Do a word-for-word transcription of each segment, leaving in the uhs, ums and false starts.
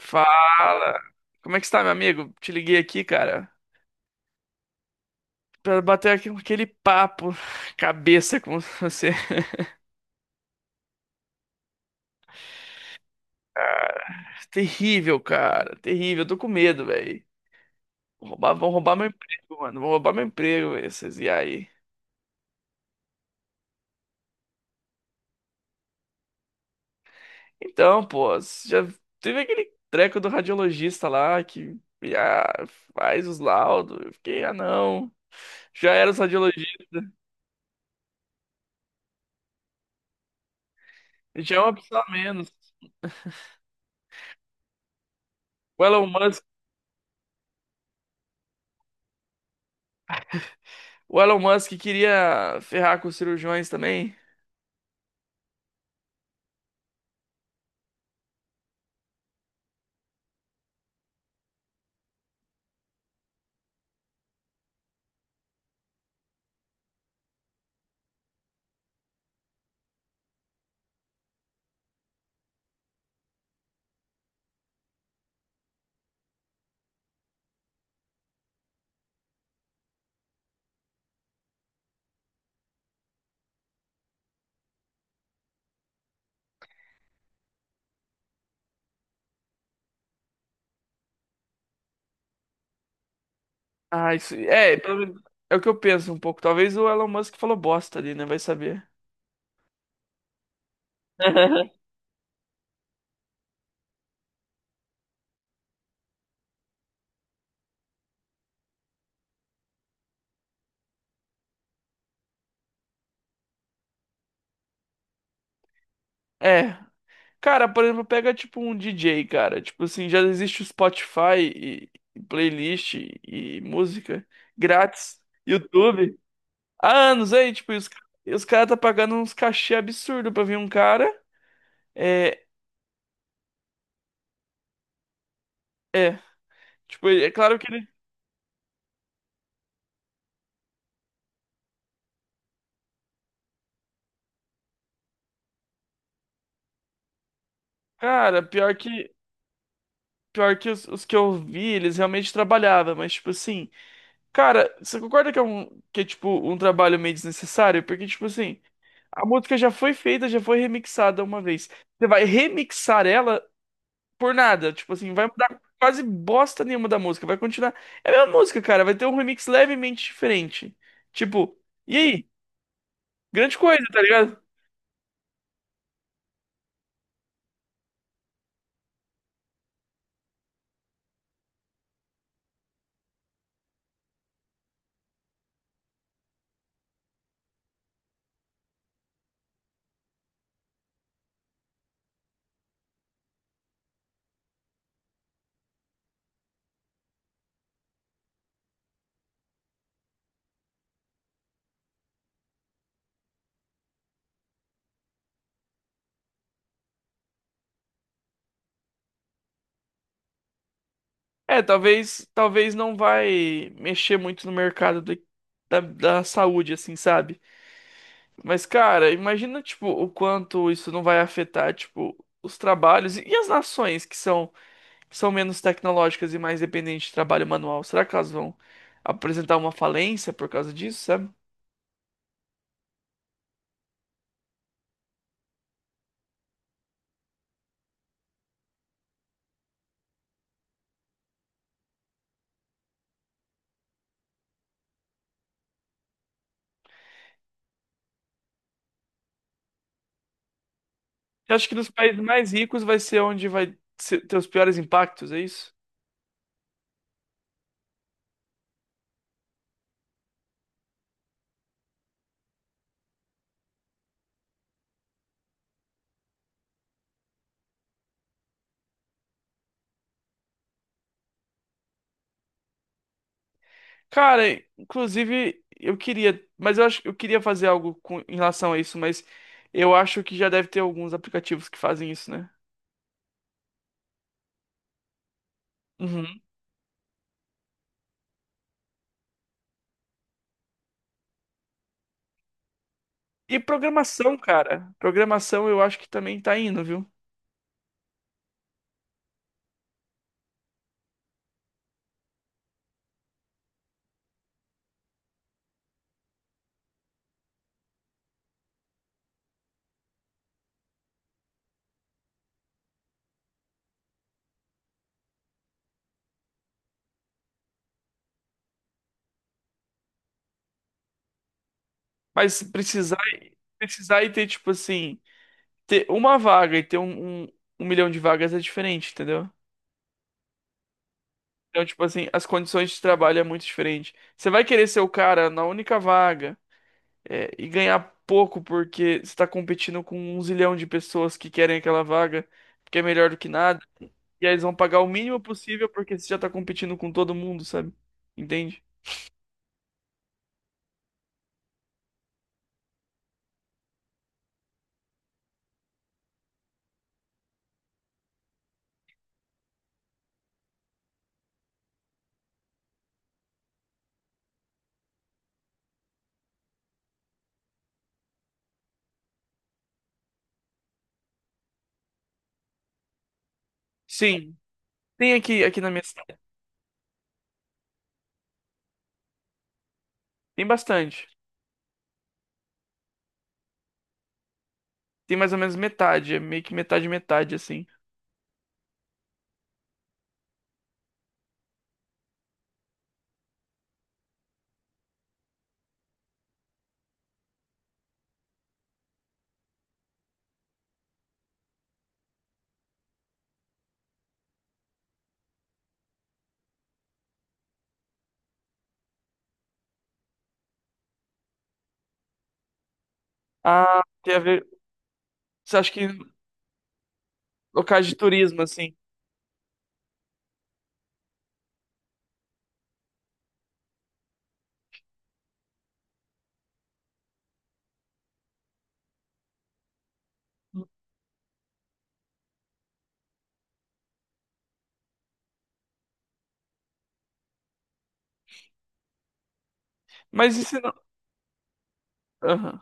Fala! Como é que está, meu amigo? Te liguei aqui, cara, pra bater aqui aquele papo cabeça com você. Terrível, cara, terrível. Eu tô com medo, velho. Vão roubar, vão roubar meu emprego, mano. Vão roubar meu emprego, velho, esses e aí. Então, pô, você já teve aquele treco do radiologista lá que ah, faz os laudos. Eu fiquei, ah, não. Já era os radiologistas, já é uma pessoa a menos. O Elon Musk, o Elon Musk queria ferrar com os cirurgiões também. Ah, isso. É, pelo menos é o que eu penso um pouco. Talvez o Elon Musk falou bosta ali, né? Vai saber. É. Cara, por exemplo, pega tipo um D J, cara. Tipo assim, já existe o Spotify e, e playlist e música grátis, YouTube. Há anos aí, tipo, e os, e os caras tá pagando uns cachê absurdo pra vir um cara. É, é. Tipo, é claro que ele. Cara, pior que. Pior que os, os que eu vi, eles realmente trabalhavam, mas tipo assim. Cara, você concorda que é um que é tipo um trabalho meio desnecessário? Porque tipo assim, a música já foi feita, já foi remixada uma vez. Você vai remixar ela por nada, tipo assim, vai mudar quase bosta nenhuma da música, vai continuar. É a mesma música, cara, vai ter um remix levemente diferente. Tipo, e aí? Grande coisa, tá ligado? É, talvez, talvez não vai mexer muito no mercado do- da, da saúde, assim, sabe? Mas, cara, imagina, tipo, o quanto isso não vai afetar, tipo, os trabalhos e e as nações que são, que são menos tecnológicas e mais dependentes de trabalho manual. Será que elas vão apresentar uma falência por causa disso, sabe? Eu acho que nos países mais ricos vai ser onde vai ser- ter os piores impactos, é isso? Cara, inclusive, eu queria, mas eu acho que eu queria fazer algo com- em relação a isso, mas eu acho que já deve ter alguns aplicativos que fazem isso, né? Uhum. E programação, cara. Programação eu acho que também tá indo, viu? Mas precisar, precisar e ter, tipo assim, ter uma vaga e ter um, um, um milhão de vagas é diferente, entendeu? Então, tipo assim, as condições de trabalho é muito diferente. Você vai querer ser o cara na única vaga, é, e ganhar pouco porque você tá competindo com um zilhão de pessoas que querem aquela vaga, porque é melhor do que nada. E aí eles vão pagar o mínimo possível porque você já tá competindo com todo mundo, sabe? Entende? Sim. Tem aqui, aqui na minha. Tem bastante. Tem mais ou menos metade, é meio que metade, metade, assim. Ah, tem a ver. Você acha que locais de turismo, assim? Mas e se não. Aham,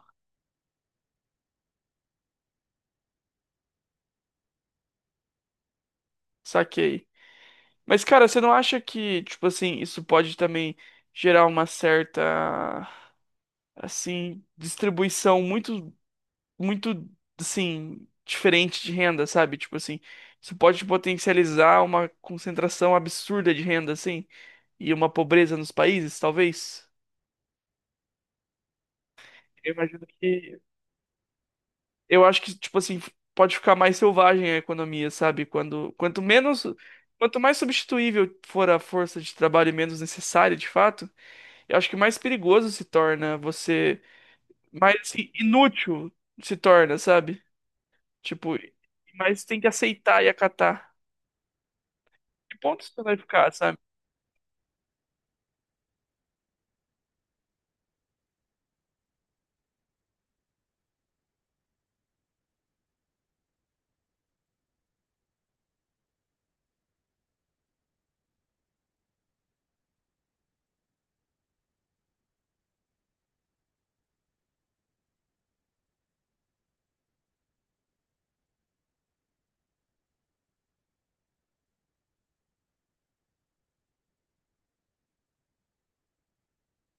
saquei. Mas, cara, você não acha que, tipo assim, isso pode também gerar uma certa, assim, distribuição muito. Muito, assim, diferente de renda, sabe? Tipo assim, isso pode potencializar uma concentração absurda de renda, assim, e uma pobreza nos países, talvez. Eu imagino que. Eu acho que, tipo assim, pode ficar mais selvagem a economia, sabe? Quando, quanto menos. Quanto mais substituível for a força de trabalho e menos necessária, de fato, eu acho que mais perigoso se torna você. Mais assim, inútil se torna, sabe? Tipo, mas tem que aceitar e acatar. Que ponto isso vai ficar, sabe?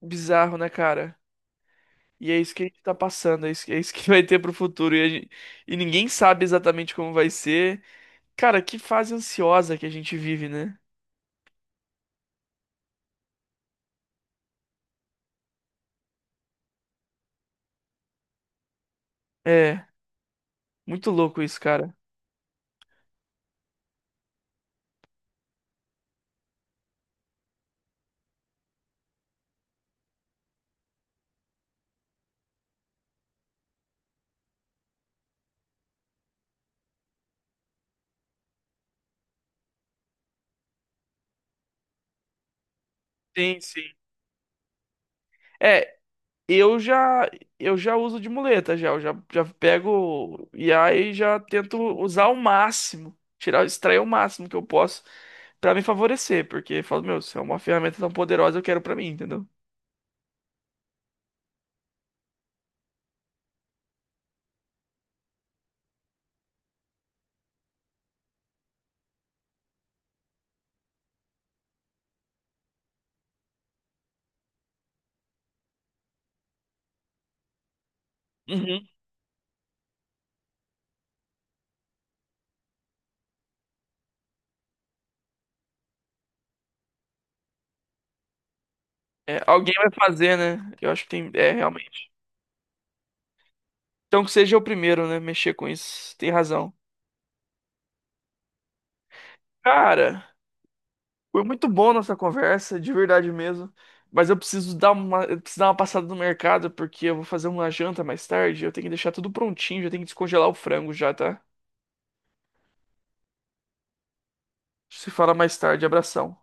Bizarro, né, cara? E é isso que a gente tá passando, é isso, é isso que vai ter pro futuro. E, a gente- e ninguém sabe exatamente como vai ser. Cara, que fase ansiosa que a gente vive, né? É, muito louco isso, cara. Sim, sim. É, eu já eu já uso de muleta já, eu já já pego o I A e já tento usar o máximo, tirar, extrair o máximo que eu posso pra me favorecer, porque eu falo, meu, isso é uma ferramenta tão poderosa, eu quero pra mim, entendeu? É, alguém vai fazer, né? Eu acho que tem. É, realmente. Então que seja o primeiro, né? Mexer com isso. Tem razão. Cara, foi muito bom nossa conversa, de verdade mesmo. Mas eu preciso dar uma, eu preciso dar uma passada no mercado, porque eu vou fazer uma janta mais tarde. Eu tenho que deixar tudo prontinho, já tenho que descongelar o frango já, tá? Se fala mais tarde. Abração.